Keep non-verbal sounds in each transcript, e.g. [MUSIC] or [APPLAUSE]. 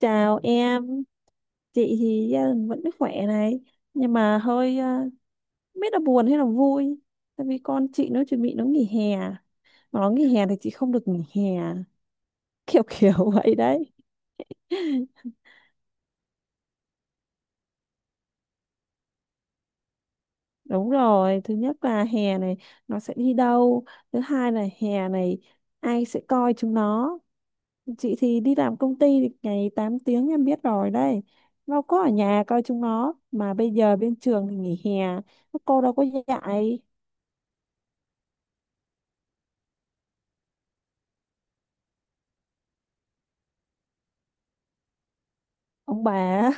Chào em, chị thì gia đình vẫn khỏe này, nhưng mà hơi không biết là buồn hay là vui, tại vì con chị nó chuẩn bị nó nghỉ hè, mà nó nghỉ hè thì chị không được nghỉ hè, kiểu kiểu [LAUGHS] vậy đấy. Đúng rồi, thứ nhất là hè này nó sẽ đi đâu, thứ hai là hè này ai sẽ coi chúng nó. Chị thì đi làm công ty thì ngày 8 tiếng em biết rồi đấy, nó có ở nhà coi chúng nó, mà bây giờ bên trường thì nghỉ hè, các cô đâu có dạy. Ông bà.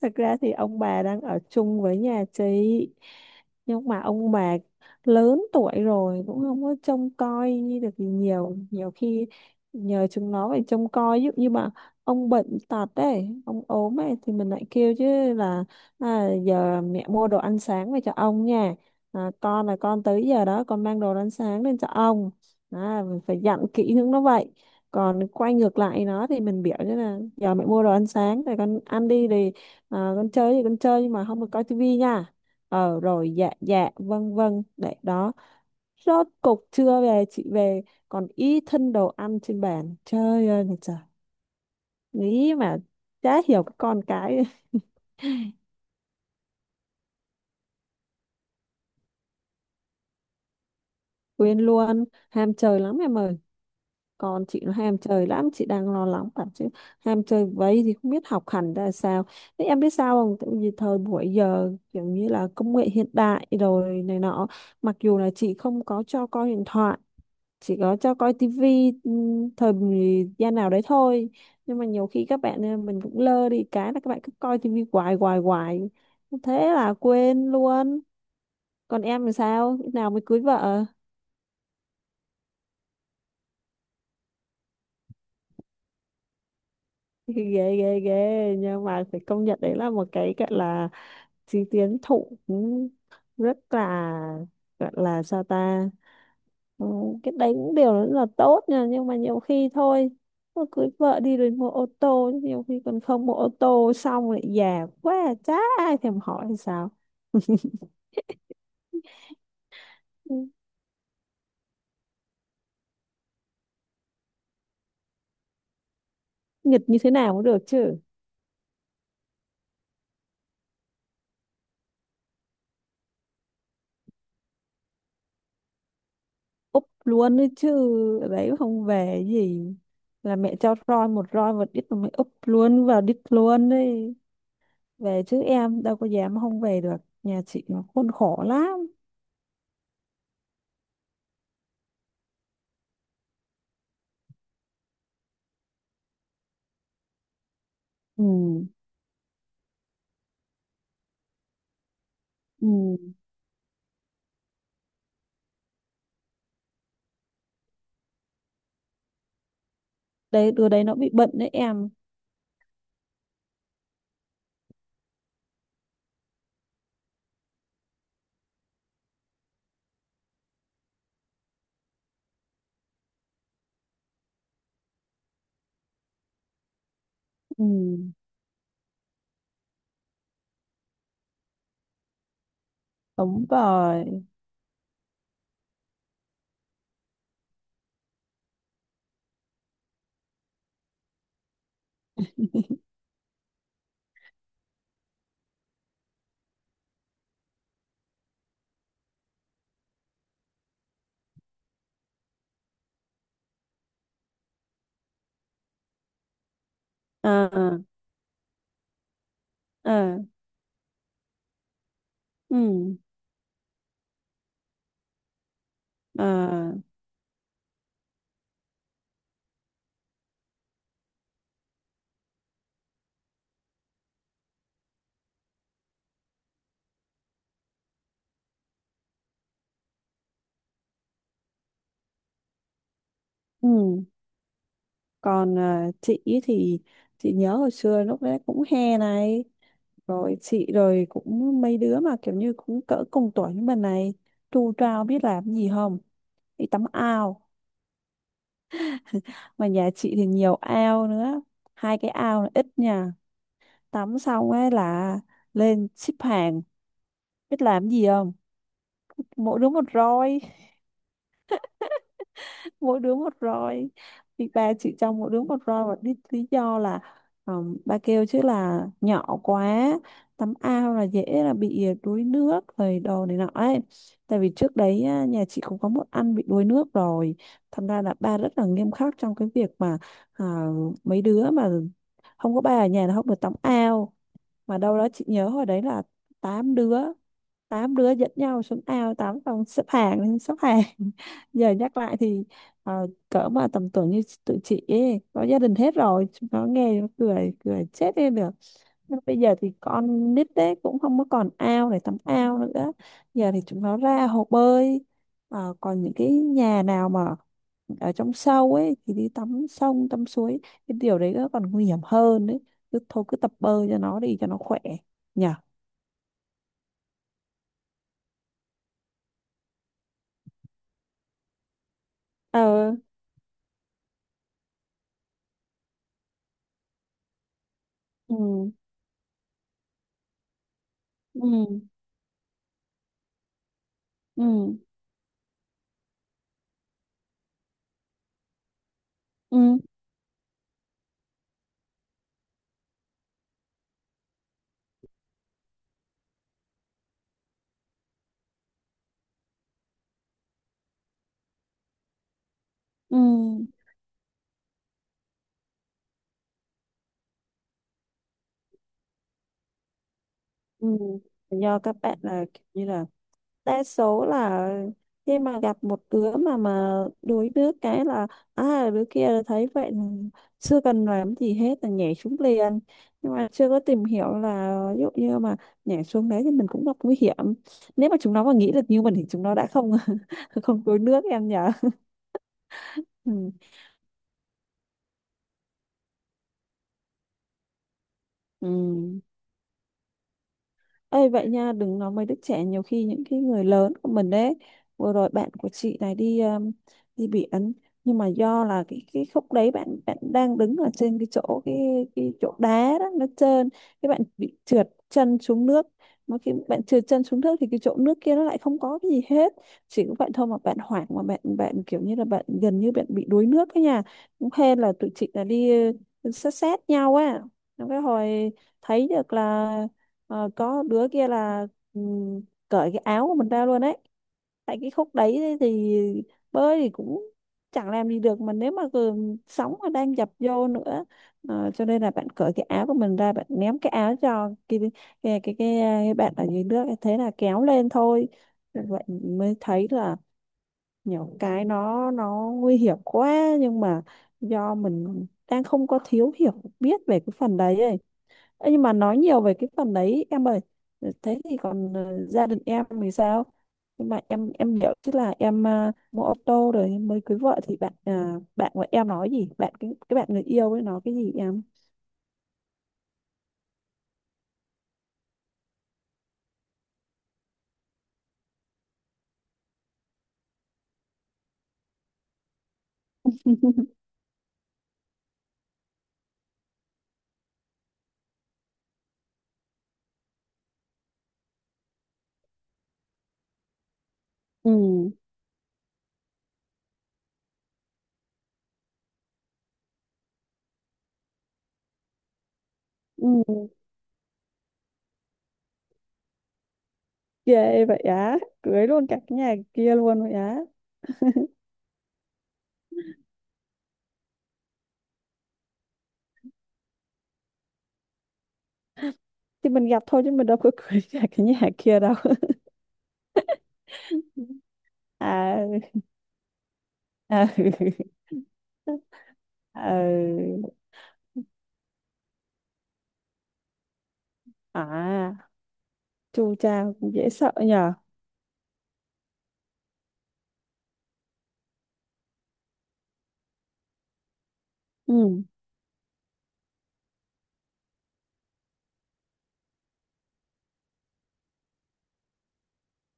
Thật ra thì ông bà đang ở chung với nhà chị, nhưng mà ông bà lớn tuổi rồi cũng không có trông coi được gì nhiều. Nhiều khi nhờ chúng nó phải trông coi, ví dụ như mà ông bệnh tật đấy, ông ốm ấy, thì mình lại kêu chứ là à, giờ mẹ mua đồ ăn sáng về cho ông nha, à, con là con tới giờ đó con mang đồ ăn sáng lên cho ông, à, mình phải dặn kỹ hướng nó vậy. Còn quay ngược lại nó thì mình biểu như là giờ mẹ mua đồ ăn sáng rồi con ăn đi thì Ờ, con chơi thì con chơi nhưng mà không được coi tivi nha, ờ rồi dạ dạ vâng vâng đấy đó, rốt cục trưa về chị về còn ý thân đồ ăn trên bàn, trời ơi là trời, nghĩ mà chả hiểu cái con cái. [LAUGHS] Quên luôn, ham chơi lắm em ơi, con chị nó ham chơi lắm, chị đang lo lắng lắm chứ. Ham chơi vậy thì không biết học hành ra sao. Thế em biết sao không, tại vì thời buổi giờ kiểu như là công nghệ hiện đại rồi này nọ, mặc dù là chị không có cho coi điện thoại, chỉ có cho coi tivi thời gian nào đấy thôi, nhưng mà nhiều khi các bạn mình cũng lơ đi, cái là các bạn cứ coi tivi hoài hoài hoài, thế là quên luôn. Còn em thì sao, lúc nào mới cưới vợ? [LAUGHS] Ghê ghê ghê, nhưng mà phải công nhận đấy là một cái gọi là chí tiến thủ cũng rất là, gọi là sao ta. Ừ, cái đấy cũng đều rất là tốt nha, nhưng mà nhiều khi thôi mà cưới vợ đi rồi mua ô tô, nhiều khi còn không mua ô tô xong lại già quá, chả ai thèm hỏi hay sao. [LAUGHS] Ừ, nghịch như thế nào cũng được chứ. Úp luôn đấy chứ, ở đấy không về gì, là mẹ cho roi một đít, mà mày úp luôn vào đít luôn đấy, về chứ em đâu có dám không về được, nhà chị nó khốn khổ lắm. Ừ. Ừ. Đấy, đứa đấy nó bị bệnh đấy em. Ừ, đúng rồi. À. À. Ừ. À. Ừ. Còn à, chị ý thì chị nhớ hồi xưa lúc đấy cũng hè này, rồi chị rồi cũng mấy đứa mà kiểu như cũng cỡ cùng tuổi như mình này, tu trao biết làm gì không? Đi tắm ao, mà nhà chị thì nhiều ao nữa, hai cái ao là ít nha. Tắm xong ấy là lên xếp hàng, biết làm gì không? Mỗi đứa một roi, mỗi đứa một roi, thì ba chị trong mỗi đứa một roi. Và lý do là ba kêu chứ là nhỏ quá, tắm ao là dễ là bị đuối nước rồi đồ này nọ ấy. Tại vì trước đấy á, nhà chị cũng có một anh bị đuối nước rồi, thành ra là ba rất là nghiêm khắc trong cái việc mà à, mấy đứa mà không có ba ở nhà là không được tắm ao. Mà đâu đó chị nhớ hồi đấy là 8 đứa, 8 đứa dẫn nhau xuống ao tắm xong xếp hàng xếp hàng. [LAUGHS] Giờ nhắc lại thì cỡ mà tầm tuổi như tụi chị ấy có gia đình hết rồi, chúng nó nghe nó cười cười chết đi được. Nhưng bây giờ thì con nít đấy cũng không có còn ao để tắm ao nữa, giờ thì chúng nó ra hồ bơi. Còn những cái nhà nào mà ở trong sâu ấy thì đi tắm sông tắm suối, cái điều đấy nó còn nguy hiểm hơn đấy. Cứ thôi cứ tập bơi cho nó đi cho nó khỏe nhỉ. Ờ. Ừ. Ừ. Ừ. Ừ. Ừ. Ừ. Do các bạn là kiểu như là đa số là khi mà gặp một đứa mà đuối nước, cái là à, đứa kia thấy vậy là chưa cần làm gì hết là nhảy xuống liền, nhưng mà chưa có tìm hiểu là ví dụ như mà nhảy xuống đấy thì mình cũng gặp nguy hiểm. Nếu mà chúng nó mà nghĩ được như mình thì chúng nó đã không [LAUGHS] không đuối nước em nhở. Ừ. Ừ. Ê vậy nha, đừng nói mấy đứa trẻ, nhiều khi những cái người lớn của mình đấy. Vừa rồi bạn của chị này đi đi biển, nhưng mà do là cái khúc đấy bạn bạn đang đứng ở trên cái chỗ cái chỗ đá đó nó trơn, cái bạn bị trượt chân xuống nước. Mà khi bạn trượt chân xuống nước thì cái chỗ nước kia nó lại không có cái gì hết. Chỉ có vậy thôi mà bạn hoảng, mà bạn bạn kiểu như là bạn gần như bạn bị đuối nước ấy nha. Cũng hên là tụi chị là đi ừ, sát sát nhau á. Xong cái hồi thấy được là có đứa kia là ừm, cởi cái áo của mình ra luôn đấy, tại cái khúc đấy thì bơi thì cũng chẳng làm gì được mà, nếu mà cứ sóng mà đang dập vô nữa, cho nên là bạn cởi cái áo của mình ra, bạn ném cái áo cho cái bạn ở dưới nước, thế là kéo lên thôi. Vậy mới thấy là nhiều cái nó nguy hiểm quá, nhưng mà do mình đang không có thiếu hiểu biết về cái phần đấy ấy. Ê, nhưng mà nói nhiều về cái phần đấy em ơi, thế thì còn gia đình em thì sao? Nhưng mà em hiểu chứ, là em mua ô tô rồi em mới cưới vợ, thì bạn của em nói gì, bạn cái bạn người yêu ấy nói cái gì em? [LAUGHS] Ừ. Ừ. Ghê vậy á, cưới luôn cả cái nhà kia luôn vậy á? Thì mình gặp thôi chứ mình đâu có [LAUGHS] cưới cả cái nhà kia đâu. [LAUGHS] À. À, [LAUGHS] à, à, chu cha cũng dễ sợ nhờ. Ừ.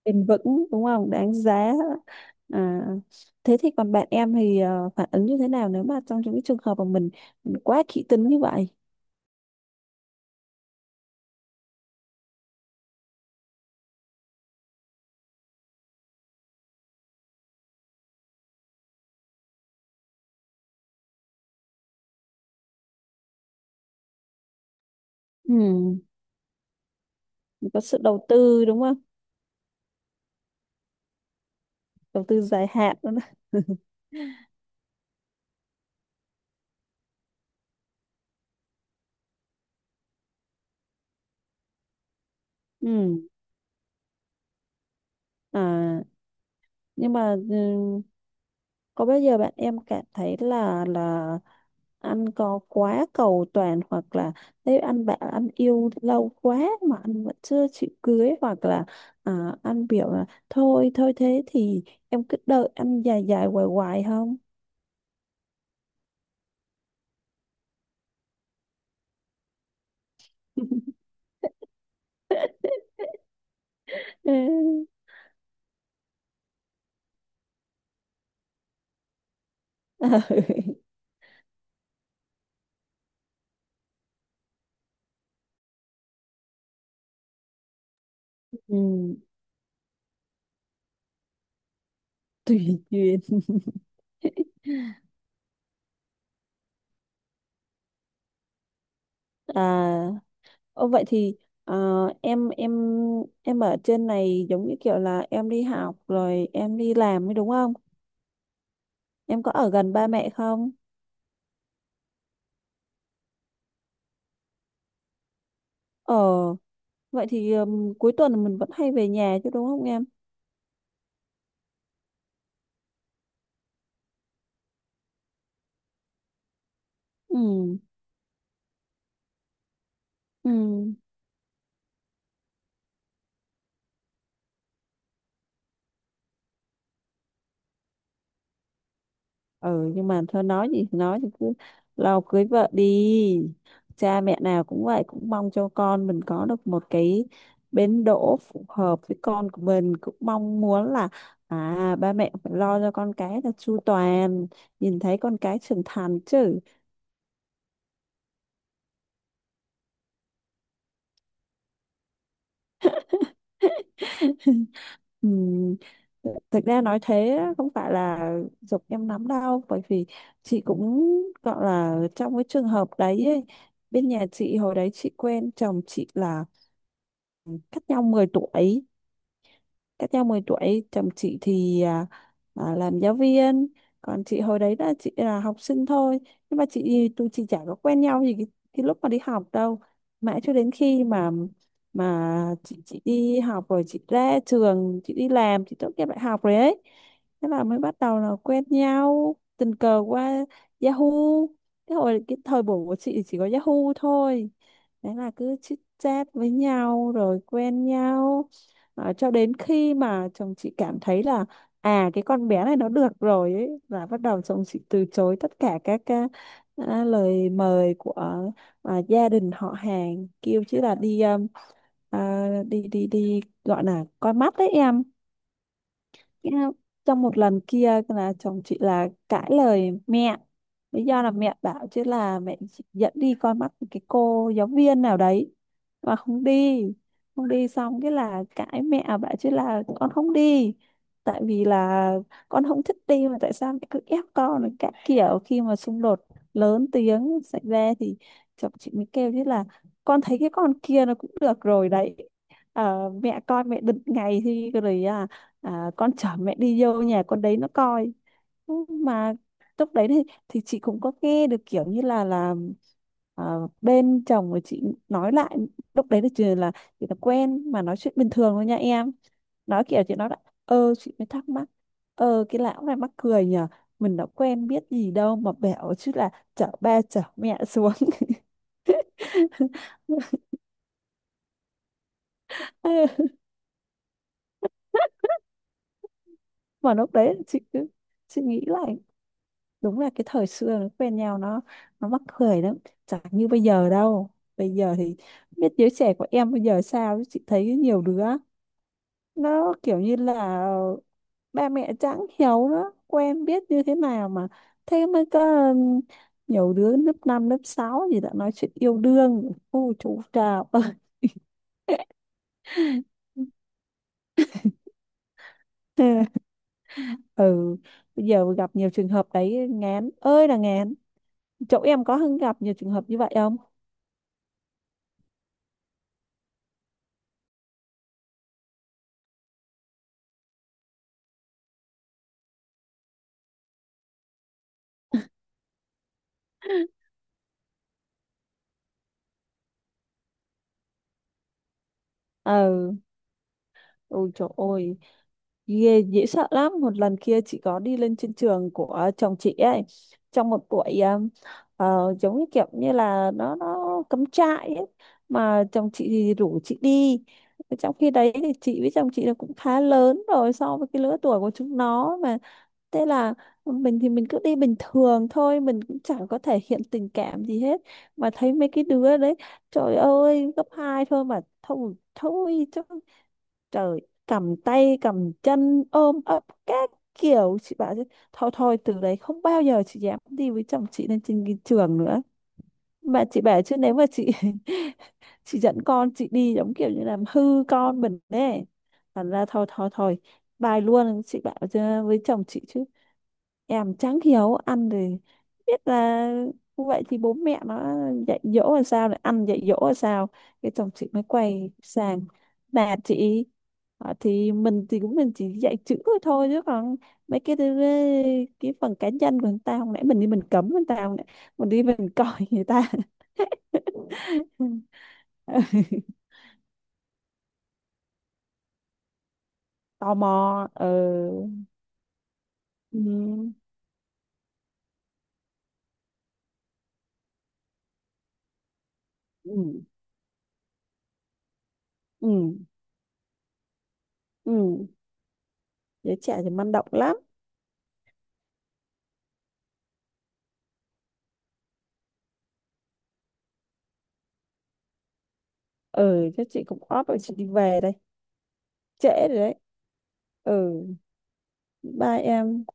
Bền vững đúng không, đáng giá. À, thế thì còn bạn em thì phản ứng như thế nào nếu mà trong những cái trường hợp mà mình quá kỹ tính như vậy? Ừ. Mình có sự đầu tư đúng không. Đầu tư dài hạn đó. [LAUGHS] Ừ. À, nhưng mà ừ, có bao giờ bạn em cảm thấy là anh có quá cầu toàn, hoặc là nếu anh bảo anh yêu lâu quá mà anh vẫn chưa chịu cưới, hoặc là à, anh biểu là thôi thôi thế thì em cứ đợi anh dài dài hoài hoài không? [LAUGHS] Ừ. [LAUGHS] Ừ, tùy duyên. [LAUGHS] À, ô vậy thì ờ, em em em ở trên này giống như kiểu là em đi học rồi em đi làm ấy đúng không? Em có ở gần ba mẹ không? Ờ, vậy thì cuối tuần mình vẫn hay về nhà chứ đúng không em? Ừ, ừ, ừ, nhưng mà thôi nói gì thì nói thì cứ lo cưới vợ đi. Cha mẹ nào cũng vậy, cũng mong cho con mình có được một cái bến đỗ phù hợp với con của mình. Cũng mong muốn là à, ba mẹ phải lo cho con cái là chu toàn, nhìn thấy con cái trưởng thành chứ. [LAUGHS] [LAUGHS] Ừm, Thực ra nói thế á, không phải là giục em lắm đâu, bởi vì chị cũng gọi là trong cái trường hợp đấy ấy. Bên nhà chị hồi đấy, chị quen chồng chị là cách nhau 10 tuổi cách nhau 10 tuổi. Chồng chị thì làm giáo viên, còn chị hồi đấy là chị là học sinh thôi. Nhưng mà tụi chị chả có quen nhau gì cái lúc mà đi học đâu, mãi cho đến khi mà mà chị đi học rồi, chị ra trường, chị đi làm, chị tốt nghiệp đại học rồi ấy, thế là mới bắt đầu là quen nhau tình cờ qua Yahoo. Cái hồi cái thời buổi của chị thì chỉ có Yahoo thôi, đấy là cứ chit chat với nhau rồi quen nhau đó, cho đến khi mà chồng chị cảm thấy là à cái con bé này nó được rồi ấy, là bắt đầu chồng chị từ chối tất cả các cái, lời mời của gia đình họ hàng, kêu chứ là đi à, đi đi đi gọi là coi mắt đấy em. cái- Trong một lần kia là chồng chị là cãi lời mẹ. Lý do là mẹ bảo chứ là mẹ chỉ dẫn đi coi mắt cái cô giáo viên nào đấy mà không đi. Không đi, xong cái là cãi, mẹ bảo chứ là con không đi. Tại vì là con không thích đi mà tại sao mẹ cứ ép con rồi các kiểu, khi mà xung đột lớn tiếng xảy ra thì chồng chị mới kêu chứ là con thấy cái con kia nó cũng được rồi đấy. Ờ, mẹ coi mẹ định ngày thì rồi, con chở mẹ đi vô nhà con đấy nó coi. Ừ, mà lúc đấy thì chị cũng có nghe được kiểu như là à, bên chồng của chị nói lại, lúc đấy là chỉ là quen mà nói chuyện bình thường thôi nha em. Nói kiểu chị nói là ờ chị mới thắc mắc, ờ cái lão này mắc cười nhờ, mình đã quen biết gì đâu mà bảo chứ là chở ba chở mẹ xuống. [LAUGHS] Mà lúc đấy chị cứ, chị nghĩ lại đúng là cái thời xưa nó quen nhau, nó mắc cười lắm, chẳng như bây giờ đâu. Bây giờ thì không biết giới trẻ của em bây giờ sao, chứ chị thấy nhiều đứa nó kiểu như là ba mẹ chẳng hiểu nó quen biết như thế nào, mà thế mới có nhiều đứa lớp 5 lớp 6 gì đã nói chuyện yêu đương, ô chú chào. [LAUGHS] [LAUGHS] Ừ, bây giờ gặp nhiều trường hợp đấy, ngán ơi là ngán. Chỗ em có gặp nhiều trường hợp như vậy không? Ờ, ôi trời ơi, ghê dễ sợ lắm. Một lần kia chị có đi lên trên trường của chồng chị ấy, trong một buổi giống như kiểu như là nó cắm trại ấy, mà chồng chị thì rủ chị đi. Trong khi đấy thì chị với chồng chị là cũng khá lớn rồi so với cái lứa tuổi của chúng nó. Mà thế là mình thì mình cứ đi bình thường thôi, mình cũng chẳng có thể hiện tình cảm gì hết, mà thấy mấy cái đứa đấy, trời ơi, gấp hai thôi mà thôi thôi chứ, trời, cầm tay cầm chân ôm ấp các kiểu. Chị bảo chứ thôi thôi, từ đấy không bao giờ chị dám đi với chồng chị lên trên cái trường nữa. Mà chị bảo chứ nếu mà chị [LAUGHS] chị dẫn con chị đi giống kiểu như làm hư con mình đấy, thành ra thôi thôi thôi, bài luôn. Chị bảo với chồng chị chứ em chẳng hiểu, ăn thì biết là như vậy thì bố mẹ nó dạy dỗ là sao, này ăn dạy dỗ là sao. Cái chồng chị mới quay sang là chị: "Ờ, thì mình thì cũng mình chỉ dạy chữ thôi thôi chứ, còn mấy cái phần cá nhân của người ta, hồi nãy mình đi mình cấm người ta, hồi nãy mình đi mình [LAUGHS] coi người ta. [LAUGHS] [LAUGHS] Tò mò, ờ. Ừ. Ừ. Ừ, ừ, giới trẻ thì man động lắm. Ờ, chắc chị cũng off rồi, chị đi về đây, trễ rồi đấy. Ừ, bye em.